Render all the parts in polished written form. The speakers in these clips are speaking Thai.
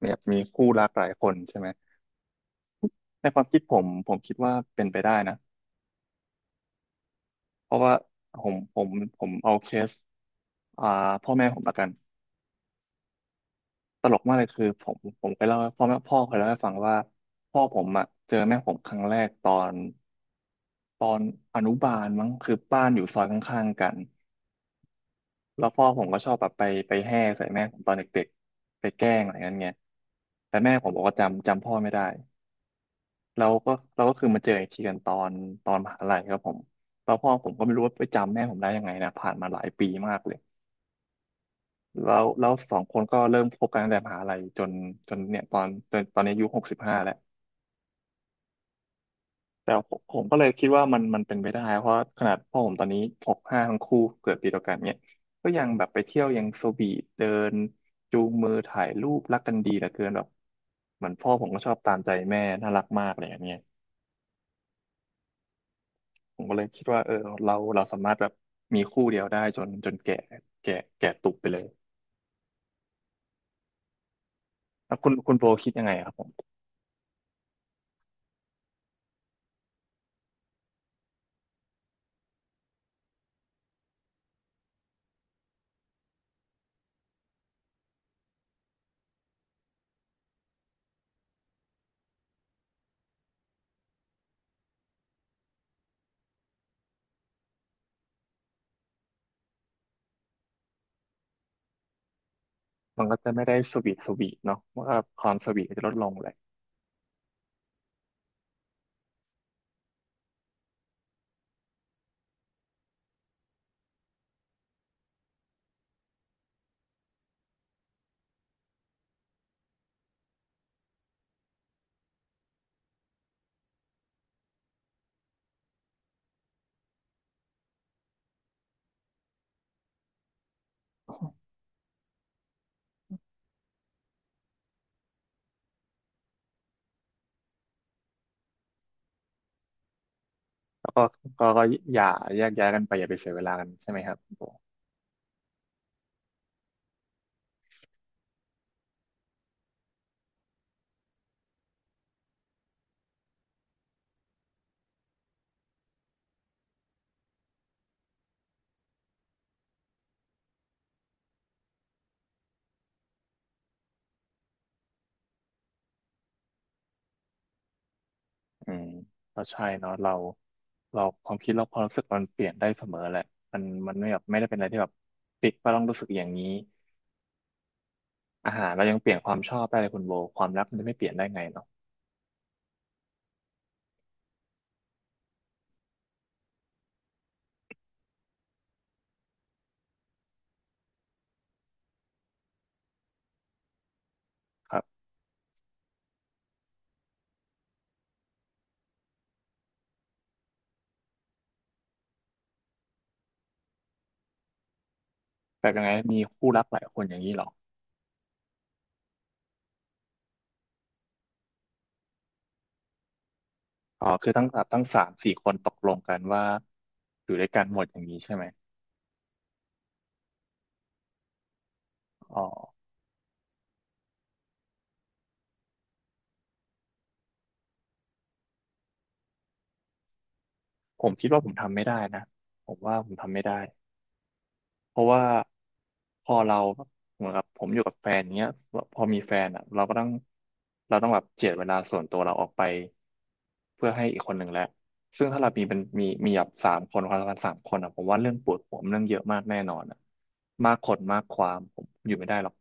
เนี่ยมีคู่รักหลายคนใช่ไหมในความคิดผมคิดว่าเป็นไปได้นะเพราะว่าผมผมผมเอาเคสอ่าพ่อแม่ผมละกันตลกมากเลยคือผมเคยเล่าให้พ่อแม่พ่อเคยเล่าให้ฟังว่าพ่อผมอะเจอแม่ผมครั้งแรกตอนอนุบาลมั้งคือบ้านอยู่ซอยข้างๆกันแล้วพ่อผมก็ชอบแบบไปแห่ใส่แม่ผมตอนเด็กๆไปแกล้งอะไรเงี้ยไงแต่แม่ผมบอกว่าจำพ่อไม่ได้ เราก็คือมาเจออีกทีกันตอนมหาลัยครับผมแล้วพ่อผมก็ไม่รู้ว่าไปจำแม่ผมได้ยังไงนะผ่านมาหลายปีมากเลยแล้วสองคนก็เริ่มคบกันตั้งแต่มหาลัยจนเนี่ยตอนนี้อายุ65แล้วแต่ผมก็เลยคิดว่ามันเป็นไปได้เพราะขนาดพ่อผมตอนนี้65ทั้งคู่เกิดปีเดียวกันเนี่ยก็ยังแบบไปเที่ยวยังโซบีเดินจูงมือถ่ายรูปรักกันดีเหลือเกินแบบเหมือนพ่อผมก็ชอบตามใจแม่น่ารักมากเลยอันเนี้ย ผมก็เลยคิดว่าเออเราสามารถแบบมีคู่เดียวได้จนแก่แก่แก่ตุกไปเลยแล้วคุณโบคิดยังไงครับผมมันก็จะไม่ได้สวีทเนาะมันก็ความสวีทก็จะลดลงเลยแล้วก็ก็อย่าแยกย้ายกันไปอย่าไปเสียเวลากันใช่ไหมครับคุณโบอืมก็ใช่เนาะเราความคิดเราความรู้สึกมันเปลี่ยนได้เสมอแหละมันไม่แบบไม่ได้เป็นอะไรที่แบบปิดว่าต้องรู้สึกอย่างนี้อาหารเรายังเปลี่ยนความชอบได้เลยคุณโบความรักมันจะไม่เปลี่ยนได้ไงเนาะครับแบบยังไงมีคู่รักหลายคนอย่างนี้เหรอ อ๋อคือตั้งสามสี่คนตกลงกันว่าอยู่ด้วยกันหมดอย่างนี้ใช่ไหมอ๋อผมคิดว่าผมทำไม่ได้นะผมว่าผมทำไม่ได้เพราะว่าพอเราเหมือนกับผมอยู่กับแฟนเนี้ยพอมีแฟนอ่ะเราก็ต้องเราต้องแบบเจียดเวลาส่วนตัวเราออกไปเพื่อให้อีกคนหนึ่งแล้วซึ่งถ้าเรามีเป็นมีแบบสามคนความสัมพันธ์สามคนอ่ะผมว่าเรื่องปวดหัวมันเรื่องเยอะมากแน่นอนอ่ะมากคนมากความผมอยู่ไม่ได้หรอก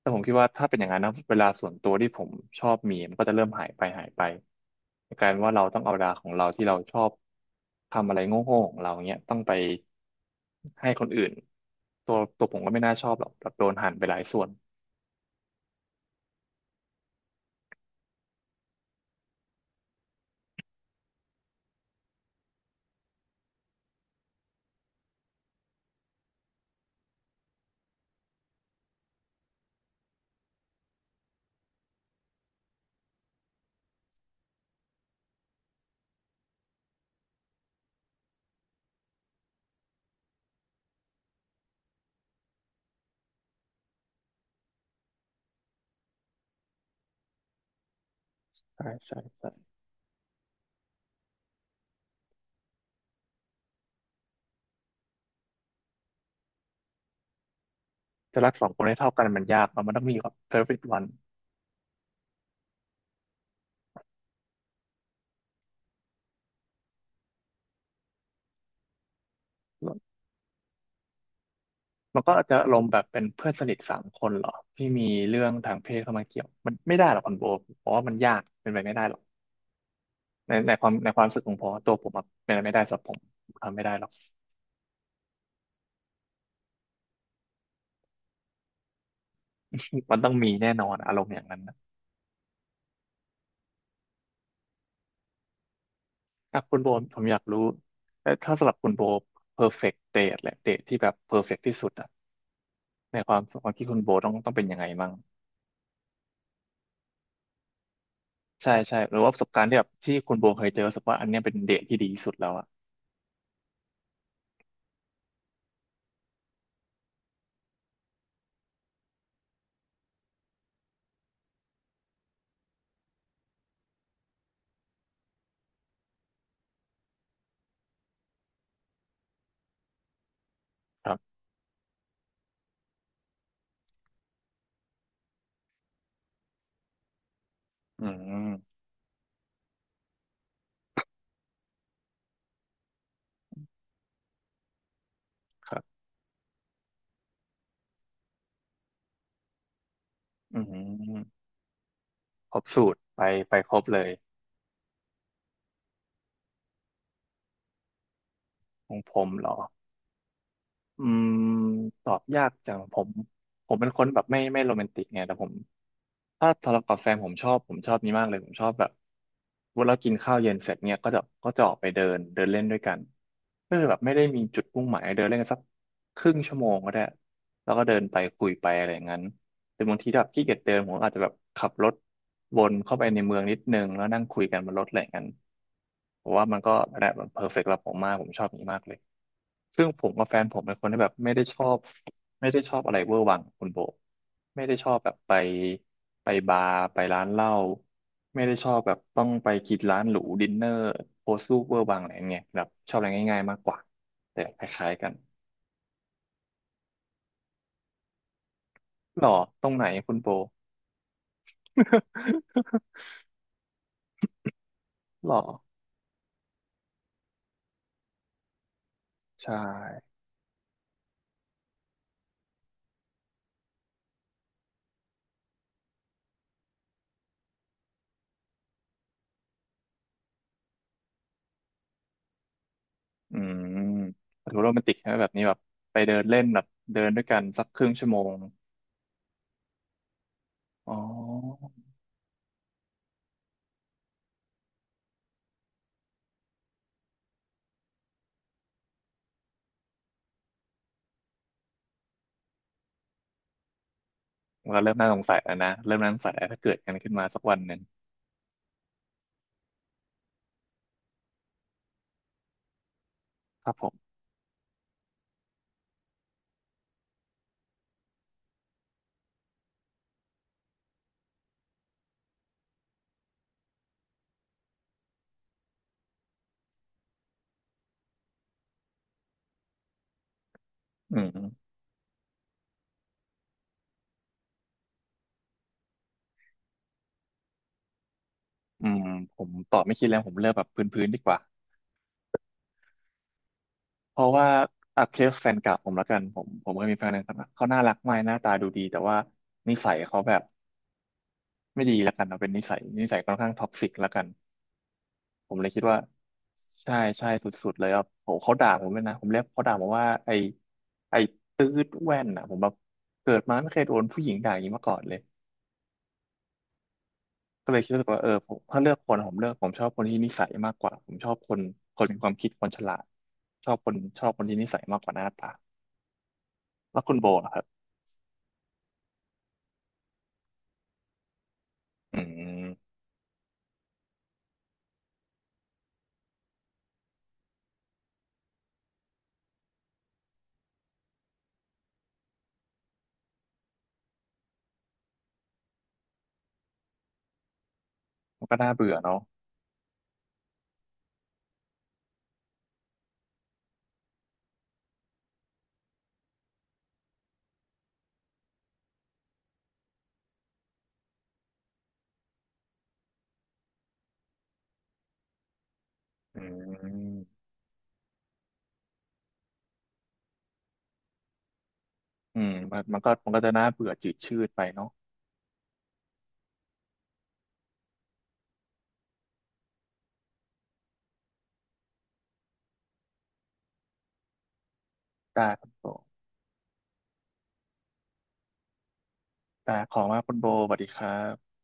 แต่ผมคิดว่าถ้าเป็นอย่างนั้นนะเวลาส่วนตัวที่ผมชอบมีมันก็จะเริ่มหายไปกลายเป็นว่าเราต้องเอาเวลาของเราที่เราชอบทำอะไรโง่ๆของเราเนี้ยต้องไปให้คนอื่นตัวผมก็ไม่น่าชอบหรอกแบบโดนหั่นไปหลายส่วนใช่จะรักสองคนให้เท่ากันมันยากเนอะมันต้องมีแบบ perfect one มันก็จะลงแบบเป็นเพื่อนสนิทสามคนเหรอที่มีเรื่องทางเพศเข้ามาเกี่ยวมันไม่ได้หรอกคอนโบเพราะว่ามันยากเป็นไปไม่ได้หรอก ในความรู้สึกของผมอะตัวผมอะเป็นอะไรไม่ได้สำหรับผมผมทำไม่ได้หรอก มันต้องมีแน่นอนอารมณ์อย่างนั้นนะถ้าคุณโบผมอยากรู้แต่ถ้าสำหรับคุณโบ perfect date แหละ date ที่แบบ perfect ที่สุดอะในความคิดคุณโบต้องเป็นยังไงมั่งใช่หรือว่าประสบการณ์ที่แบบที่คุณโบเคยเจอรู้สึกว่าอันเนี้ยเป็นเดทที่ดีที่สุดแล้วอะครับอืมครับอืมครบสูตรไปไปครบเลยของผมเหรอ อืมตอบยากจังผมผมเป็นคนแบบไม่โรแมนติกไงแต่ผมถ้าทะเลาะกับแฟนผมชอบผมชอบนี้มากเลยผมชอบแบบเวลากินข้าวเย็นเสร็จเนี่ยก็จะออกไปเดินเดินเล่นด้วยกันก็คือแบบไม่ได้มีจุดมุ่งหมายเดินเล่นกันสัก ครึ่งชั่วโมงก็ได้แล้วก็เดินไปคุยไปอะไรอย่างนั้นแต่บางทีถ้าแบบขี้เกียจเดินผมอาจจะแบบขับรถวนเข้าไปในเมืองนิดนึงแล้วนั่งคุยกันบนรถอะไรอย่างนั้นผมว่ามันก็แบบเพอร์เฟกต์สำหรับผมมากผมชอบอย่างนี้มากเลยซึ่งผมกับแฟนผมเป็นคนที่แบบไม่ได้ชอบไม่ได้ชอบอะไรเวอร์วังคุณโบไม่ได้ชอบแบบไปบาร์ไปร้านเหล้าไม่ได้ชอบแบบต้องไปกินร้านหรูดินเนอร์โพสต์รูปเวอร์วังอะไรอย่างเงี้ยแบบชอบอะไรง่ายๆมากกว่าแต่คล้ายๆกัน หล่อตรงไหนคุณโป หล่อใช่อืมดูโรแมนติกใช่ไหมแบบนี้แบบไปเดินเล่นแบบเดินด้วยกันสักครึ่งชั่วโมงอ๋อเราเริ่มน่าสงสัยแล้วนะเริ่มน่าสงสัยแล้วถ้าเกิดกันขึ้นมาสักวันหนึ่งครับผมอืมอืมผมตอบไม่คิดแล้วผมเลือกแบบพื้นๆดีกว่าเพราะว่าอ่ะเคสแฟนเก่าผมแล้วกันผมเคยมีแฟนในสมัยเขาน่ารักมากหน้าตาดูดีแต่ว่านิสัยเขาแบบไม่ดีแล้วกันเอาเป็นนิสัยค่อนข้างท็อกซิกแล้วกัน ผมเลยคิดว่าใช่สุดๆเลยครับโหเขาด่าผมเลยนะผมเรียกเขาด่าผมว่าไอ้ตืดแว่นอ่ะผมแบบเกิดมาไม่เคยโดนผู้หญิงด่าอย่างนี้มาก่อนเลยก็เลยคิดรู้สึกว่าเออผมถ้าเลือกคนผมเลือกผมชอบคนที่นิสัยมากกว่าผมชอบคนมีความคิดคนฉลาดชอบคนที่นิสัยมากกว่าหน้าตาแล้วคุณโบนะครับอืมมันก็น่าเบื่อเนาะอืมอืมมันก็จะน่าเบื่อจืดชืดไปเนาะได้คุณโบได้ขอบคุณมากคุณโบสวัสดีครับ